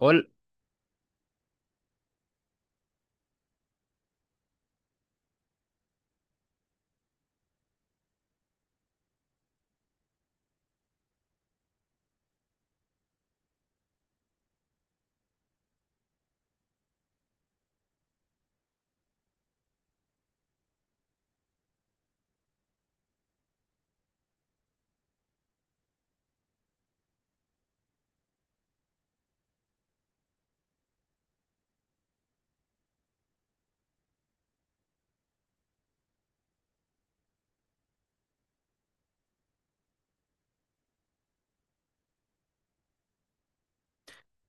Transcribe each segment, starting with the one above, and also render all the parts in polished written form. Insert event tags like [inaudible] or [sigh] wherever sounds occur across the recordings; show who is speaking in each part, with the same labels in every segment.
Speaker 1: Ol-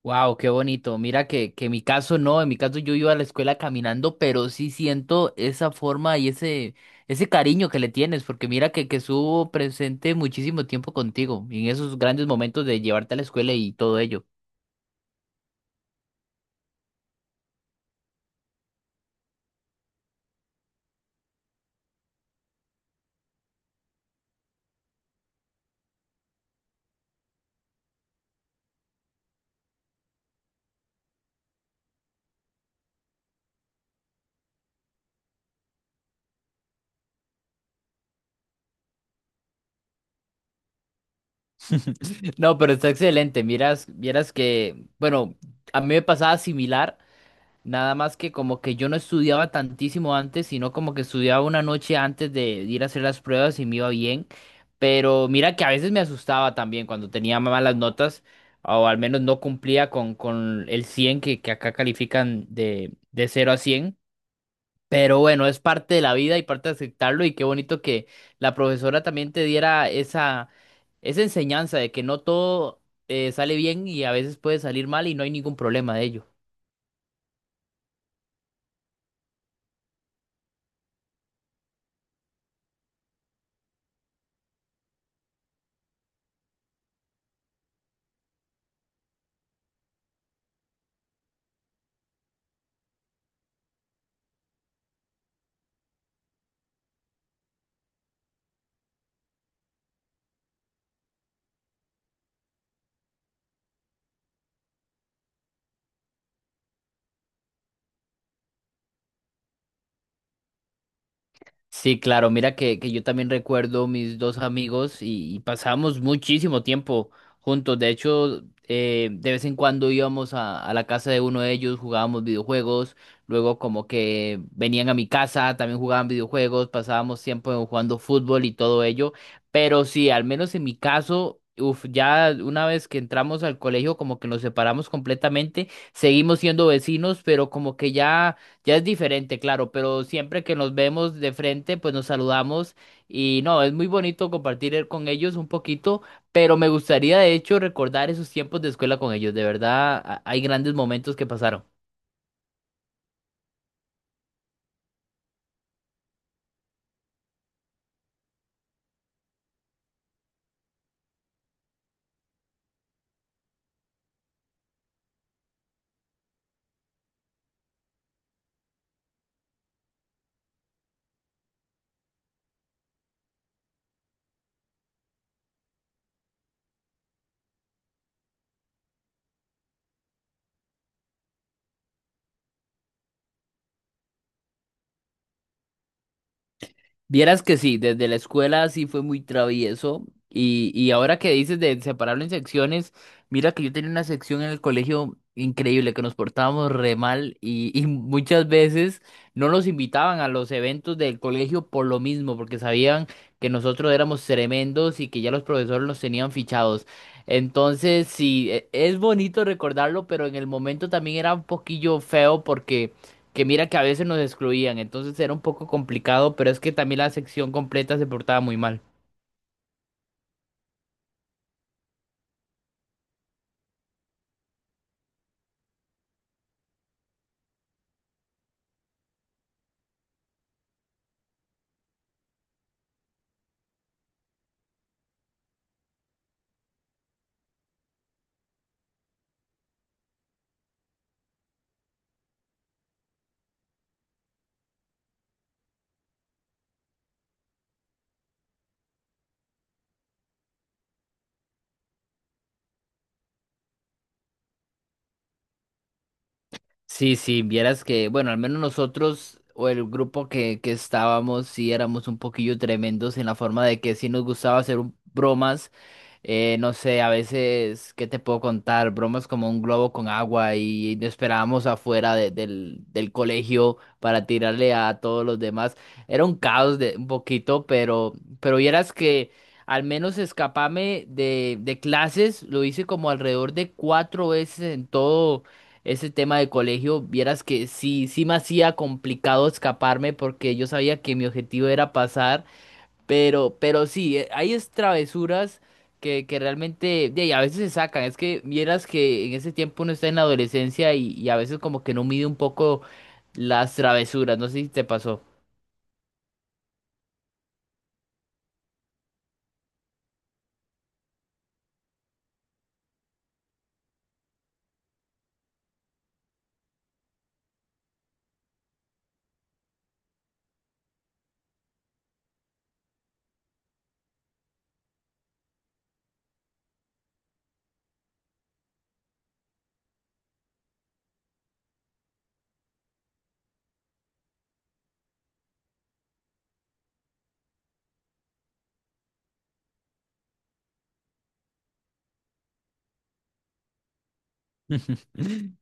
Speaker 1: wow, qué bonito. Mira que en mi caso no, en mi caso yo iba a la escuela caminando, pero sí siento esa forma y ese cariño que le tienes, porque mira que estuvo presente muchísimo tiempo contigo, y en esos grandes momentos de llevarte a la escuela y todo ello. No, pero está excelente. Miras, vieras que, bueno, a mí me pasaba similar. Nada más que como que yo no estudiaba tantísimo antes, sino como que estudiaba una noche antes de ir a hacer las pruebas y me iba bien. Pero mira que a veces me asustaba también cuando tenía malas notas, o al menos no cumplía con el 100 que acá califican de cero a cien. Pero bueno, es parte de la vida y parte de aceptarlo y qué bonito que la profesora también te diera esa enseñanza de que no todo sale bien y a veces puede salir mal y no hay ningún problema de ello. Sí, claro, mira que yo también recuerdo mis dos amigos y pasábamos muchísimo tiempo juntos. De hecho, de vez en cuando íbamos a la casa de uno de ellos, jugábamos videojuegos, luego como que venían a mi casa, también jugaban videojuegos, pasábamos tiempo jugando fútbol y todo ello. Pero sí, al menos en mi caso, uf, ya una vez que entramos al colegio, como que nos separamos completamente, seguimos siendo vecinos, pero como que ya... Ya es diferente, claro, pero siempre que nos vemos de frente, pues nos saludamos y no, es muy bonito compartir con ellos un poquito, pero me gustaría de hecho recordar esos tiempos de escuela con ellos. De verdad, hay grandes momentos que pasaron. Vieras que sí, desde la escuela sí fue muy travieso y ahora que dices de separarlo en secciones, mira que yo tenía una sección en el colegio increíble, que nos portábamos re mal y muchas veces no nos invitaban a los eventos del colegio por lo mismo, porque sabían que nosotros éramos tremendos y que ya los profesores nos tenían fichados. Entonces sí, es bonito recordarlo, pero en el momento también era un poquillo feo porque que mira que a veces nos excluían, entonces era un poco complicado, pero es que también la sección completa se portaba muy mal. Sí, sí, vieras que, bueno, al menos nosotros o el grupo que estábamos, sí éramos un poquillo tremendos en la forma de que sí nos gustaba hacer bromas. No sé, a veces, ¿qué te puedo contar? Bromas como un globo con agua y nos esperábamos afuera del colegio para tirarle a todos los demás. Era un caos de un poquito, pero vieras que al menos escaparme de clases lo hice como alrededor de cuatro veces en todo ese tema de colegio. Vieras que sí, sí me hacía complicado escaparme porque yo sabía que mi objetivo era pasar. Pero sí, hay es travesuras que realmente, de ahí, a veces se sacan. Es que vieras que en ese tiempo uno está en la adolescencia y a veces como que no mide un poco las travesuras. No sé si te pasó. [laughs]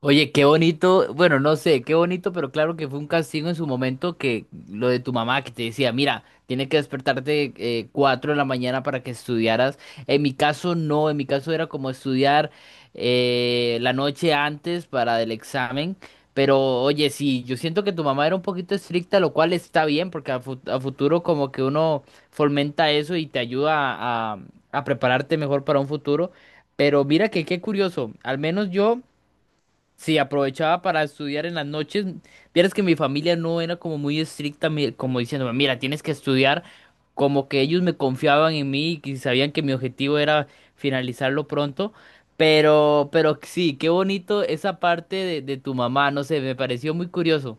Speaker 1: Oye, qué bonito, bueno, no sé, qué bonito, pero claro que fue un castigo en su momento que lo de tu mamá que te decía, mira, tiene que despertarte 4 de la mañana para que estudiaras. En mi caso no, en mi caso era como estudiar, la noche antes para el examen, pero oye, sí, yo siento que tu mamá era un poquito estricta, lo cual está bien, porque a, a futuro como que uno fomenta eso y te ayuda a prepararte mejor para un futuro. Pero mira que qué curioso, al menos yo... Sí, aprovechaba para estudiar en las noches. Vieras que mi familia no era como muy estricta, como diciéndome, mira, tienes que estudiar. Como que ellos me confiaban en mí y sabían que mi objetivo era finalizarlo pronto. Pero sí, qué bonito esa parte de tu mamá, no sé, me pareció muy curioso.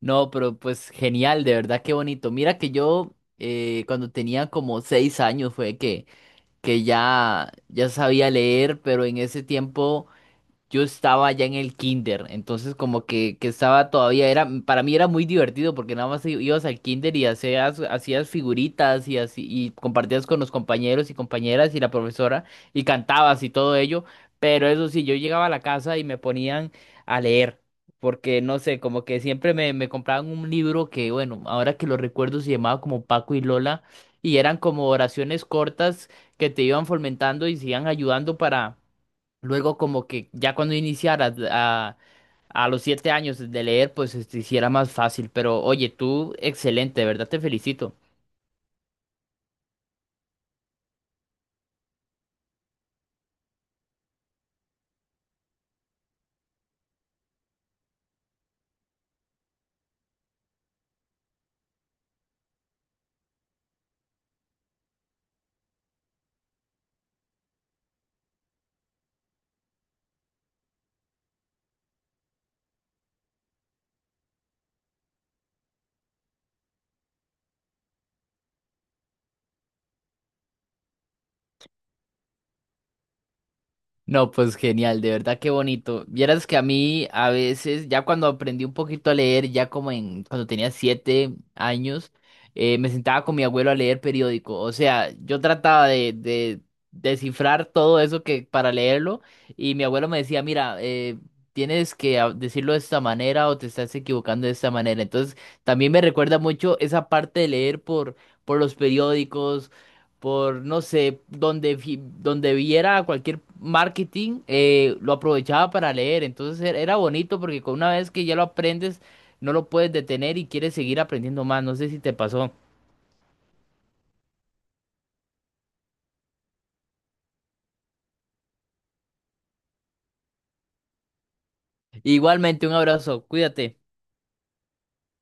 Speaker 1: No, pero pues genial, de verdad, qué bonito. Mira que yo, cuando tenía como seis años fue que ya, ya sabía leer, pero en ese tiempo yo estaba ya en el kinder, entonces como que estaba todavía, era, para mí era muy divertido porque nada más ibas al kinder y hacías, hacías figuritas y así, y compartías con los compañeros y compañeras y la profesora y cantabas y todo ello, pero eso sí, yo llegaba a la casa y me ponían a leer. Porque no sé, como que siempre me, me compraban un libro que, bueno, ahora que lo recuerdo se llamaba como Paco y Lola, y eran como oraciones cortas que te iban fomentando y se iban ayudando para, luego como que ya cuando iniciara a los siete años de leer, pues se te hiciera más fácil. Pero oye, tú excelente, de verdad te felicito. No, pues genial, de verdad qué bonito. Vieras que a mí a veces, ya cuando aprendí un poquito a leer, ya como en cuando tenía siete años, me sentaba con mi abuelo a leer periódico. O sea, yo trataba de descifrar todo eso que para leerlo y mi abuelo me decía, mira, tienes que decirlo de esta manera o te estás equivocando de esta manera. Entonces, también me recuerda mucho esa parte de leer por los periódicos por, no sé, donde, donde viera cualquier marketing, lo aprovechaba para leer. Entonces era bonito porque con una vez que ya lo aprendes, no lo puedes detener y quieres seguir aprendiendo más. No sé si te pasó. Igualmente, un abrazo, cuídate.